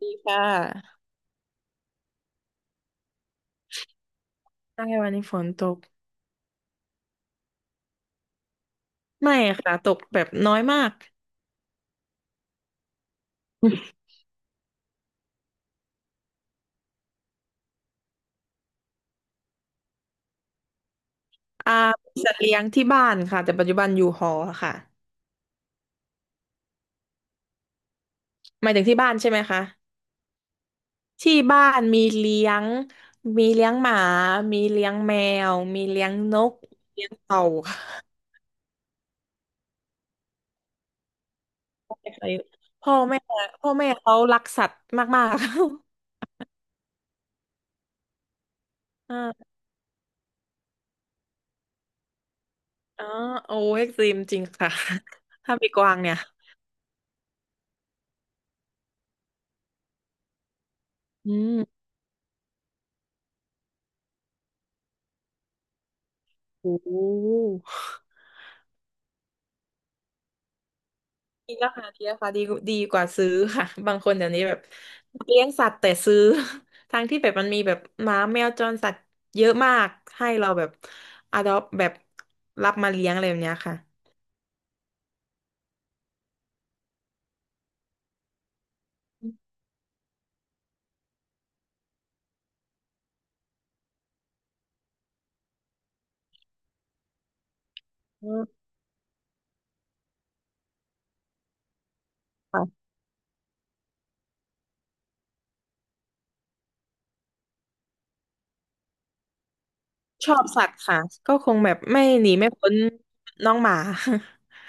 ดีค่ะใช่วันนี้ฝนตกไม่ค่ะตกแบบน้อยมากอ่ามีสัตว์เลี้ยงที่บ้านค่ะแต่ปัจจุบันอยู่หอค่ะหมายถึงที่บ้านใช่ไหมคะที่บ้านมีเลี้ยงหมามีเลี้ยงแมวมีเลี้ยงนกเลี้ยงเต่าค่ะพ่อแม่พ่อแม่เขารักสัตว์มากๆ อ่าอ๋อโอ้เอ็กซ์ตรีมจริงค่ะ ถ้ามีกวางเนี่ยอืมโอ้ มีราคาดีดีกว่าซื้อค่ะ บางคนเดี๋ยวนี้แบบเลี้ยงสัตว์แต่ซื้อ ทั้งที่แบบมันมีแบบหมาแมวจรสัตว์เยอะมากให้เราแบบอดอปแบบรับมาเลี้ยงอะไรแบบเนี้ยค่ะอืมค่ะชอบสัตว์ค่ะก็คงแบบไม่หนีไม่พ้นน้องหมา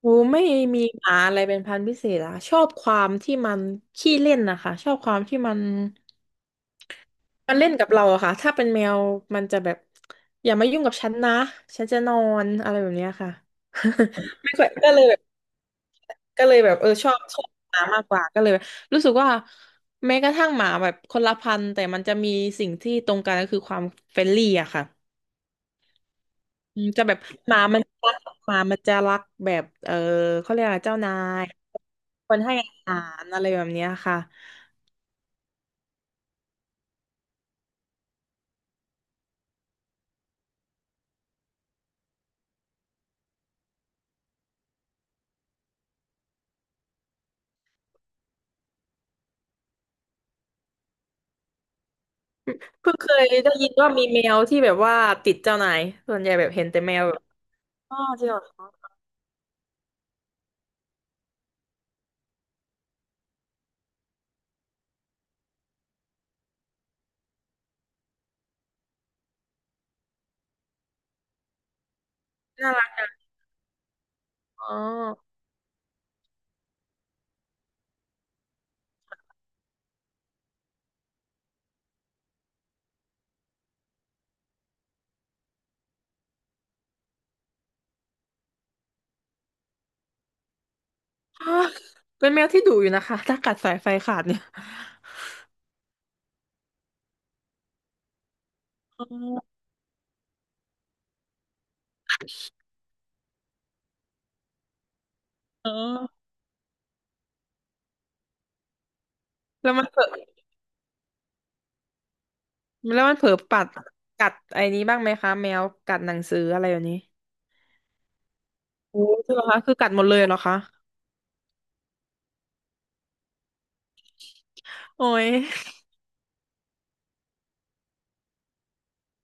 โอ้ไม่มีหมาอะไรเป็นพันธุ์พิเศษอะชอบความที่มันขี้เล่นนะคะชอบความที่มัน มันเล่นกับเราอะค่ะถ้าเป็นแมวมันจะแบบอย่ามายุ่งกับฉันนะฉันจะนอนอะไรแบบเนี้ยค่ะ ไม่ค่อยก็เลยแบบชอบหมามากกว่าก็เลยแบบรู้สึกว่าแม้กระทั่งหมาแบบคนละพันธุ์แต่มันจะมีสิ่งที่ตรงกันก็คือความเฟรนลี่อะค่ะอืมจะแบบหมามันรักหมามันจะรักแบบเขาเรียกอะไรเจ้านายคนให้อาหารอะไรแบบเนี้ยค่ะเพิ่งเคยได้ยินว่ามีแมวที่แบบว่าติดเจ้านายส่วนใหญ่แบบเห็นแต่แมว อ๋อจริงเหรอน่ารักอ๋ออ้าวเป็นแมวที่ดุอยู่นะคะถ้ากัดสายไฟขาดเนี่ยอ๋อเออแล้วมันเผลอแล้วมันเผลอปัดกัดไอ้นี้บ้างไหมคะแมวกัดหนังสืออะไรอย่างนี้โอ้ใช่เหรอคะคือกัดหมดเลยเหรอคะโอ้ย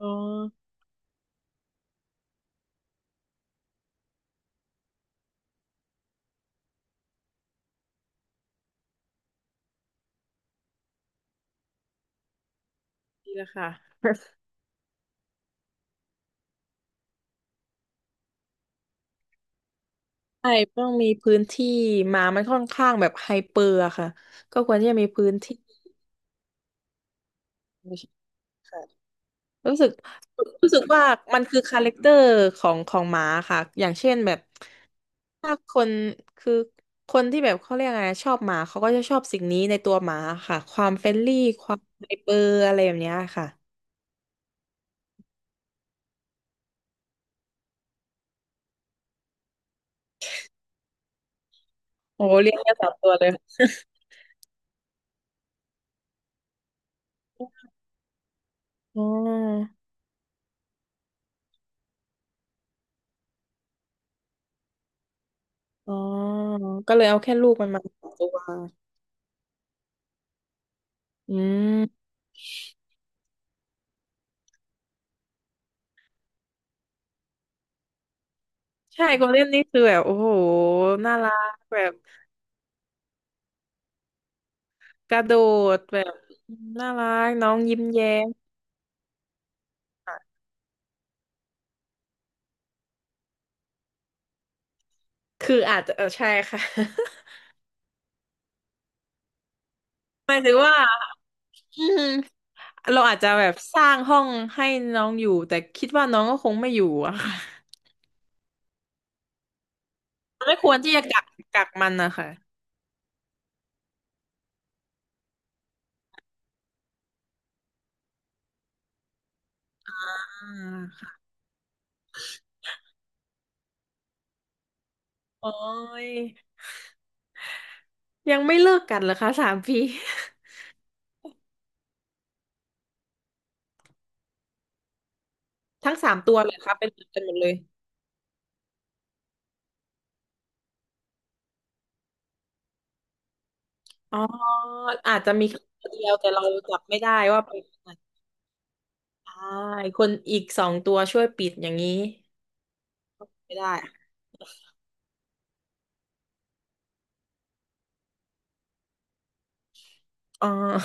อ๋อดีละค่ะใช่ต้องมีพื้นที่หมามันค่อนข้างแบบไฮเปอร์อะค่ะก็ควรที่จะมีพื้นที่ค่ะรู้สึกรู้สึกว่ามันคือคาแรคเตอร์ของหมาค่ะอย่างเช่นแบบ ถ้าคนคือคนที่แบบเขาเรียกอะไงชอบหมาเขาก็จะชอบสิ่งนี้ในตัวหมาค่ะความเฟรนลี่ความไฮเปอร์อะไรแบบเนี้ยค่ะโอ้เลียงแค่สามตัวเลย อ๋อ อ๋อก็เลยเอาแค่ลูกมันมาสองตัวอืมใช่โกลเด้นนี่คือแบบโอ้โหน่ารักแบบกระโดดแบบน่ารักน้องยิ้มแย้มคืออาจจะใช่ค่ะ หมายถึงว่าอืม เราอาจจะแบบสร้างห้องให้น้องอยู่แต่คิดว่าน้องก็คงไม่อยู่อะค่ะไม่ควรที่จะกักมันนะคะอ่าค่ะโอ้ยยังไม่เลิกกันเหรอคะสามปี ทั้งสามตัวเลยคะเป็นเหมือนกันหมดเลยอ๋ออาจจะมีค่ตัวเดียวแต่เราจับไม่ได้ว่าเป็นขนาดใช่คนอีกสองตัวช่วยปิดอย่างนี้ไม่ได้อะอ๋อ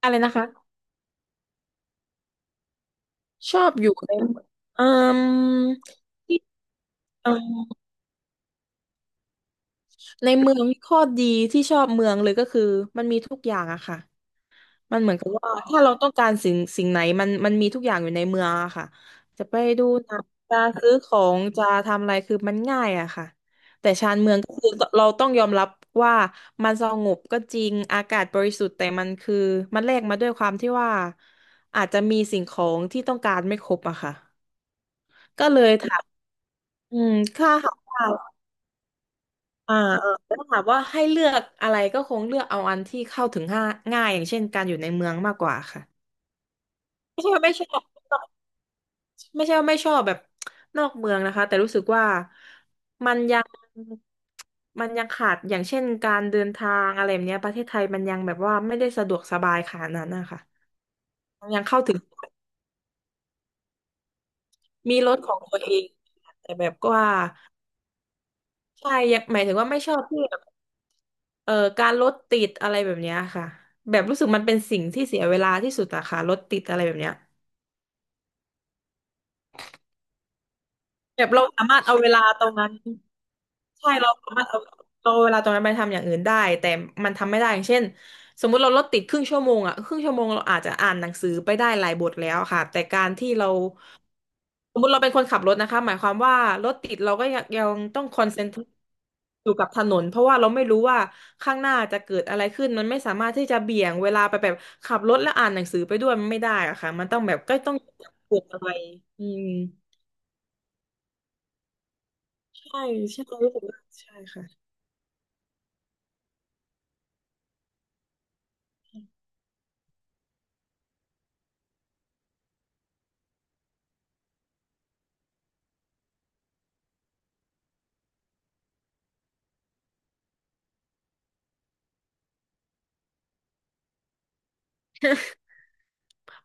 อะไรนะคะชอบอยู่ในเอ่มที่เอ่อ ในเมืองข้อดีที่ชอบเมืองเลยก็คือมันมีทุกอย่างอะค่ะมันเหมือนกับว่าถ้าเราต้องการสิ่งไหนมันมีทุกอย่างอยู่ในเมืองอะค่ะจะไปดูหนังจะซื้อของจะทำอะไรคือมันง่ายอะค่ะแต่ชานเมืองก็คือเราต้องยอมรับว่ามันสงบก็จริงอากาศบริสุทธิ์แต่มันคือมันแลกมาด้วยความที่ว่าอาจจะมีสิ่งของที่ต้องการไม่ครบอะค่ะก็เลยถามอืมค่าหา อ่าแล้วถามว่าให้เลือกอะไรก็คงเลือกเอาอันที่เข้าถึงง่ายอย่างเช่นการอยู่ในเมืองมากกว่าค่ะไม่ใช่ว่าไม่ชอบไม่ใช่ว่าไม่ชอบแบบนอกเมืองนะคะแต่รู้สึกว่ามันยังขาดอย่างเช่นการเดินทางอะไรแบบเนี้ยประเทศไทยมันยังแบบว่าไม่ได้สะดวกสบายขนาดนั้นนะคะยังเข้าถึงมีรถของตัวเองแต่แบบว่าใช่ยังหมายถึงว่าไม่ชอบที่แบบ เอ่อการรถติดอะไรแบบเนี้ยค่ะแบบรู้สึกมันเป็นสิ่งที่เสียเวลาที่สุดอะค่ะรถติดอะไรแบบเนี้ย แบบเราสามารถเอาเวลาตรงนั้นใช่เราสามารถเอาเอาเวลาตรงนั้นไปทำอย่างอื่นได้แต่มันทำไม่ได้อย่างเช่นสมมุติเรารถติดครึ่งชั่วโมงอ่ะครึ่งชั่วโมงเราอาจจะอ่านหนังสือไปได้หลายบทแล้วค่ะแต่การที่เราสมมุติเราเป็นคนขับรถนะคะหมายความว่ารถติดเราก็ยังต้องคอนเซนเทรตอยู่กับถนนเพราะว่าเราไม่รู้ว่าข้างหน้าจะเกิดอะไรขึ้นมันไม่สามารถที่จะเบี่ยงเวลาไปแบบขับรถและอ่านหนังสือไปด้วยมันไม่ได้อะค่ะมันต้องแบบก็ต้องเกิดอะไรอืม ใช่ใช่รู้สึกว่าใช่ค่ะ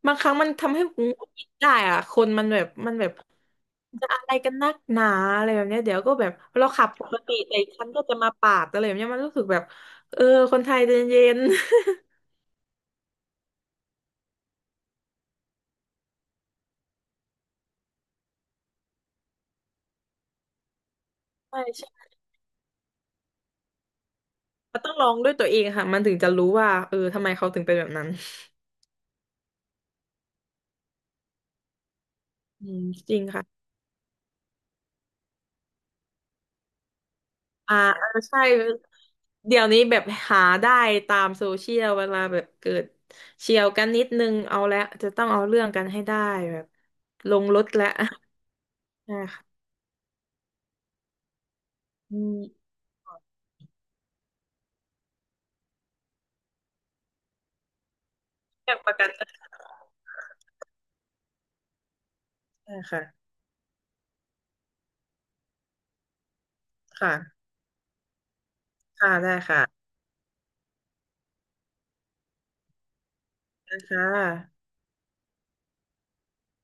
บางครั้งมันทำให้ผมหงุดหงิดได้อ่ะคนมันแบบจะอะไรกันนักหนาอะไรแบบเนี้ยเดี๋ยวก็แบบเราขับปกติแต่อีกคันก็จะมาปาดอะไรแบบเนี้ยมันรู้สึกแบบเออคนไทยใจเย็นใช่ใช่มันต้องลองด้วยตัวเองค่ะมันถึงจะรู้ว่าเออทำไมเขาถึงเป็นแบบนั้นอืมจริงค่ะ อ่าเออใช่เดี๋ยวนี้แบบหาได้ตามโซเชียลเวลาแบบเกิดเฉี่ยวกันนิดนึงเอาแล้วจะต้องเอาเรื่องกันให้ได้แบบลงรถแล้ว ใช่ค่ะอืมเรื่องประกันได้ค่ะค่ะค่ะได้ค่ะนะคะ